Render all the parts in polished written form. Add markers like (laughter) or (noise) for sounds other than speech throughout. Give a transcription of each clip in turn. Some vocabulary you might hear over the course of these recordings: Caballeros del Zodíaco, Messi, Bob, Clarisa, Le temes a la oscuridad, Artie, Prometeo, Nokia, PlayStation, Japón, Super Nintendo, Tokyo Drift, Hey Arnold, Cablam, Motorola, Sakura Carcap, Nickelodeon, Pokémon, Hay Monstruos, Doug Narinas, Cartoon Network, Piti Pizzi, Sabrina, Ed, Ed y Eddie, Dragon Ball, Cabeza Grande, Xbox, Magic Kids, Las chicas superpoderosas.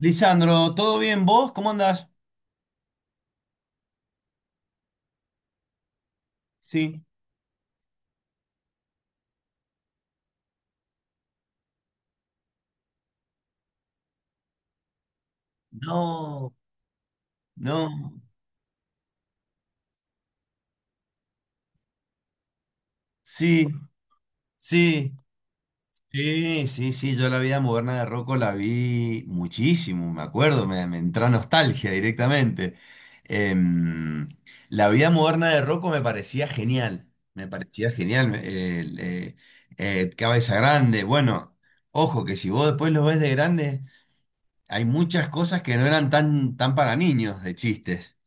Lisandro, ¿todo bien? ¿Vos? ¿Cómo andás? Sí. No, no. Sí, sí. Sí, sí, sí. Yo la vida moderna de Rocco la vi muchísimo, me acuerdo, me entra nostalgia directamente. Em, la vida moderna de Rocco me parecía genial. Me parecía genial. Cabeza Grande. Bueno, ojo que si vos después lo ves de grande, hay muchas cosas que no eran tan para niños de chistes.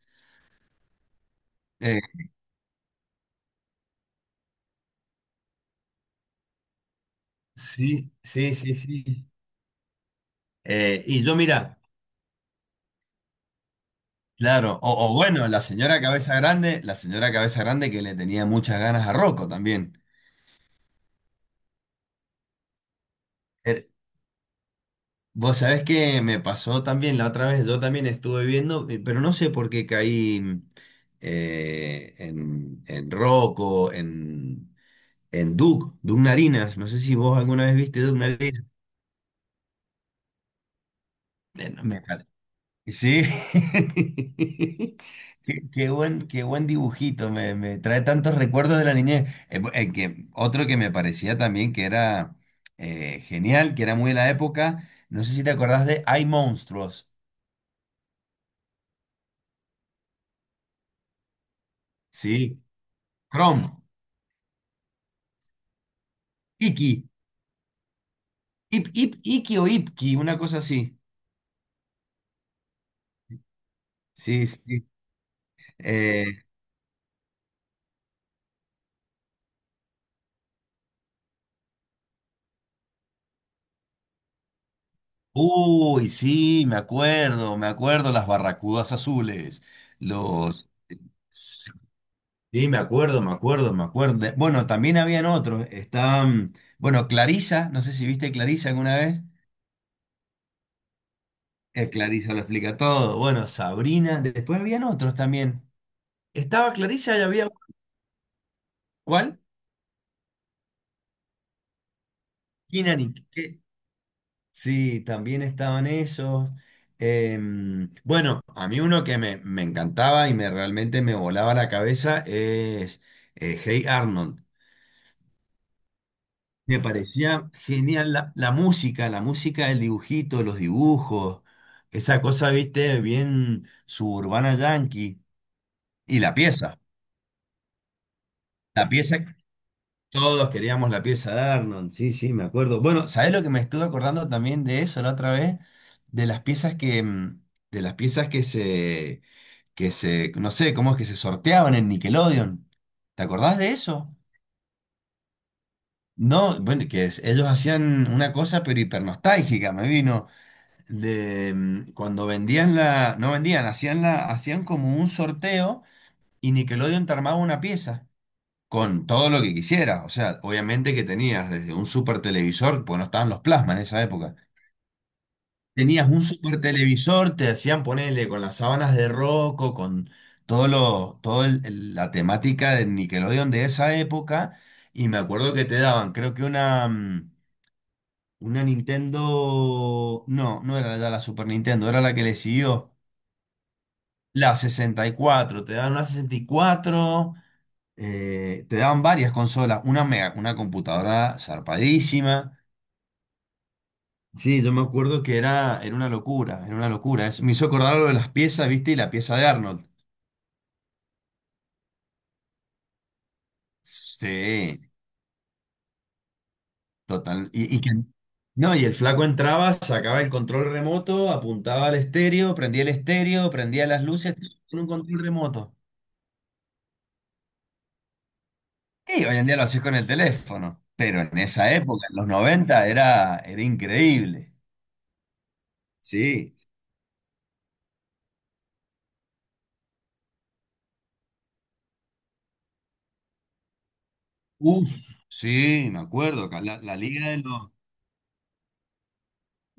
Eh, Sí, sí, sí, sí. Y yo, mira, claro, o bueno, la señora Cabeza Grande, la señora Cabeza Grande que le tenía muchas ganas a Rocco también. Eh, vos sabés que me pasó también la otra vez, yo también estuve viendo, pero no sé por qué caí en Rocco, en, Doug Narinas. No sé si vos alguna vez viste Doug Narinas. No, me, Sí, (laughs) qué buen dibujito, me trae tantos recuerdos de la niñez. Otro que me parecía también que era genial, que era muy de la época, no sé si te acordás de Hay Monstruos. Sí, Chrome, Iki, Iki o Ipki, una cosa así. Sí, sí. Eh, uy, sí, me acuerdo, las barracudas azules, los... Sí, me acuerdo, me acuerdo, me acuerdo. Bueno, también habían otros. Estaban, bueno, Clarisa, no sé si viste Clarisa alguna vez. Clarisa lo explica todo. Bueno, Sabrina. Después habían otros también. Estaba Clarisa y había... ¿Cuál? Kinan y qué. Sí, también estaban esos. Bueno, a mí uno que me encantaba y me realmente me volaba la cabeza es Hey Arnold. Me parecía genial la música, el dibujito, los dibujos, esa cosa, viste, bien suburbana yankee. Y la pieza, todos queríamos la pieza de Arnold, sí, sí, me acuerdo. Bueno, ¿sabés lo que me estuve acordando también de eso la otra vez? De las piezas que, de las piezas no sé cómo es que se sorteaban en Nickelodeon. ¿Te acordás de eso? No, bueno, ellos hacían una cosa pero hipernostálgica, me vino. Cuando vendían la, no vendían, hacían la, hacían como un sorteo y Nickelodeon te armaba una pieza con todo lo que quisiera. O sea, obviamente que tenías desde un super televisor, pues no estaban los plasmas en esa época. Tenías un super televisor, te hacían ponerle con las sábanas de Rocco, con todo lo, todo el- la temática de Nickelodeon de esa época. Y me acuerdo que te daban, creo que una Nintendo, no, no era ya la Super Nintendo, era la que le siguió. La 64 te dan una 64, te daban varias consolas, una mega, una computadora zarpadísima. Sí, yo me acuerdo que era, una locura, era una locura. Eso me hizo acordar lo de las piezas, ¿viste? Y la pieza de Arnold. Sí, total. Y, que, no, y el flaco entraba, sacaba el control remoto, apuntaba al estéreo, prendía el estéreo, prendía las luces, todo con un control remoto. Y hoy en día lo haces con el teléfono, pero en esa época, en los 90 era, increíble. Sí, uf, sí, me acuerdo, acá la Liga de los...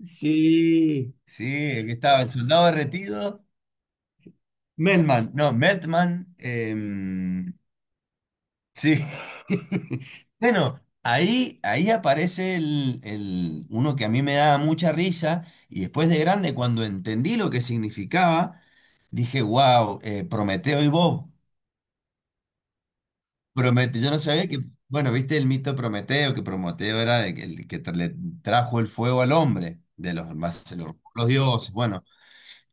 sí, sí, el que estaba el soldado derretido, Melman, no, Meltman, em, sí. (laughs) Bueno, ahí aparece uno que a mí me daba mucha risa y después de grande, cuando entendí lo que significaba, dije, wow, Prometeo y Bob. Prometeo, yo no sabía que, bueno, viste el mito Prometeo, que Prometeo era el que le trajo el fuego al hombre, de los, más, de los dioses, bueno,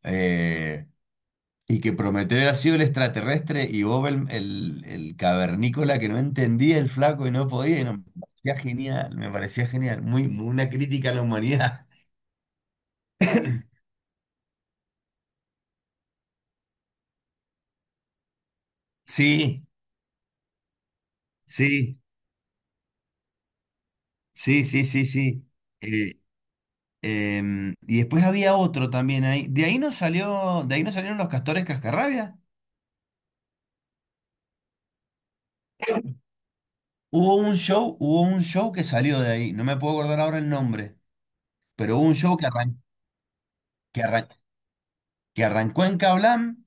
eh, y que Prometeo ha sido el extraterrestre y Bob el cavernícola que no entendía el flaco y no podía, y no, me parecía genial, muy, muy una crítica a la humanidad. (laughs) Sí, sí, sí, sí, sí, sí. Eh, y después había otro también ahí. De ahí no salió, de ahí no salieron los castores cascarrabia. Hubo un show que salió de ahí, no me puedo acordar ahora el nombre, pero hubo un show que, arran- que arrancó en Cablam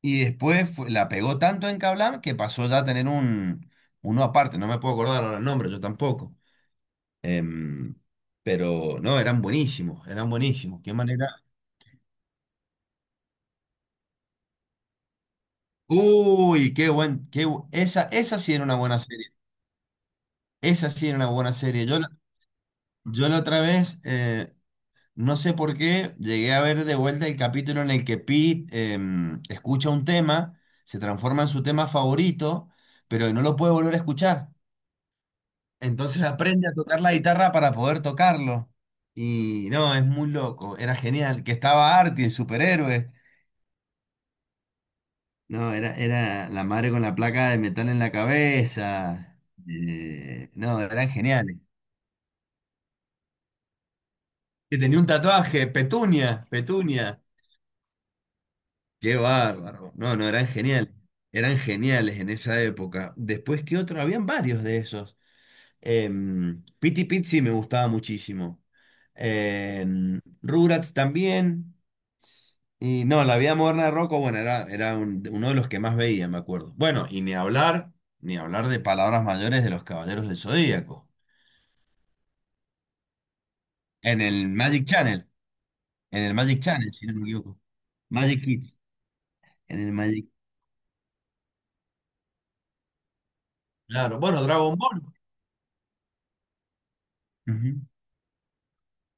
y después la pegó tanto en Cablam que pasó ya a tener uno aparte, no me puedo acordar ahora el nombre, yo tampoco. Em, pero no, eran buenísimos, qué manera. Uy, qué buen, qué bu- esa sí era una buena serie, esa sí era una buena serie. Yo la otra vez, no sé por qué llegué a ver de vuelta el capítulo en el que Pete escucha un tema, se transforma en su tema favorito, pero no lo puede volver a escuchar. Entonces aprende a tocar la guitarra para poder tocarlo. Y no, es muy loco, era genial. Que estaba Artie, el superhéroe. No, era, la madre con la placa de metal en la cabeza. No, eran geniales. Que tenía un tatuaje, Petunia, Petunia. Qué bárbaro. No, no, eran geniales. Eran geniales en esa época. Después, ¿qué otro? Habían varios de esos. Piti Pizzi me gustaba muchísimo. Rugrats también. Y no, La Vida Moderna de Rocco, bueno, era, era uno de los que más veía, me acuerdo. Bueno, y ni hablar, ni hablar de palabras mayores de los Caballeros del Zodíaco. En el Magic Channel. En el Magic Channel, si no me equivoco. Magic Kids. En el Magic. Claro, bueno, Dragon Ball. Ujú.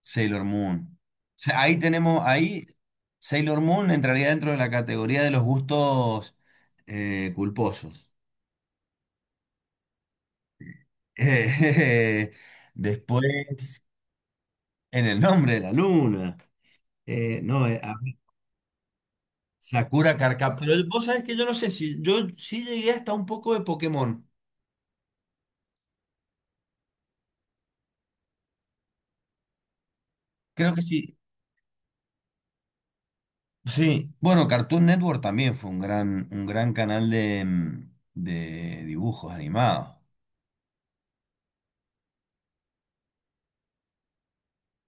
Sailor Moon. O sea, ahí Sailor Moon entraría dentro de la categoría de los gustos culposos. Eh, (laughs) después, en el nombre de la luna. No, a ver, Sakura Carcap. Pero vos sabés que yo no sé si yo sí llegué hasta un poco de Pokémon. Creo que sí. Sí. Bueno, Cartoon Network también fue un gran canal de dibujos animados.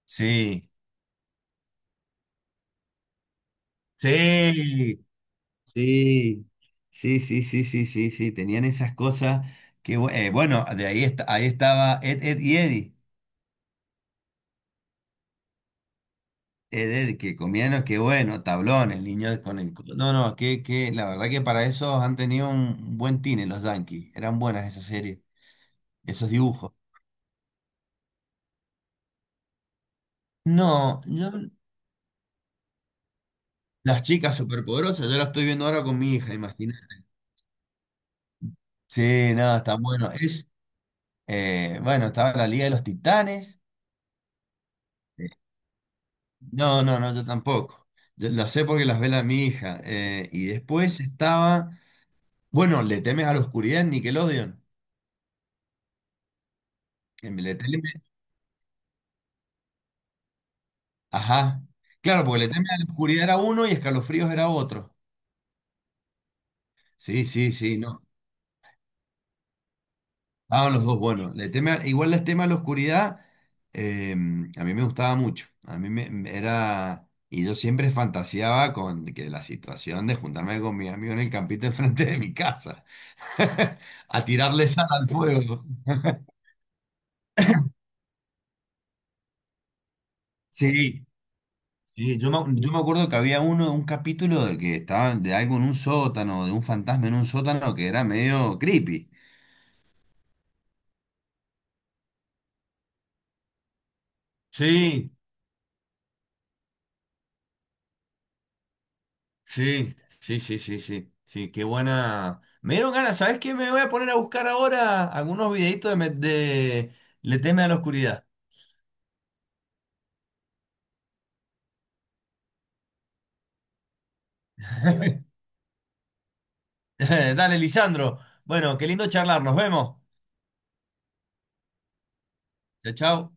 Sí, sí. Sí, sí, sí, sí, sí, sí, sí, tenían esas cosas bueno, de ahí, ahí estaba Ed, Ed y Eddie, Ed, Ed, que comían, lo que bueno, tablón, el niño con el... No, no, que la verdad que para eso han tenido un buen tine los Yankees, eran buenas esas series, esos dibujos. No, las chicas superpoderosas, yo las estoy viendo ahora con mi hija, imagínate. Sí, no, están bueno. Estaba la Liga de los Titanes. eh, No, no, no, yo tampoco. Yo las sé porque las vela mi hija. Y después estaba. Bueno, ¿le temes a la oscuridad en Nickelodeon? En Le temes- Ajá. Claro, porque le temes a la oscuridad era uno y escalofríos era otro. Sí, sí, sí, no. Estaban los dos, bueno. Igual les teme a la oscuridad. A mí me gustaba mucho. A mí me era. Y yo siempre fantaseaba con que la situación de juntarme con mi amigo en el campito enfrente de mi casa (laughs) a tirarle sal al fuego. Sí, sí, yo me acuerdo que había un capítulo de que estaban de algo en un sótano, de un fantasma en un sótano que era medio creepy. Sí, sí, sí, sí, sí, sí, sí, qué buena. Me dieron ganas, ¿sabes qué? Me voy a poner a buscar ahora algunos videitos de Le teme a la oscuridad. (laughs) Dale, Lisandro. Bueno, qué lindo charlar, nos vemos. Chao, chao.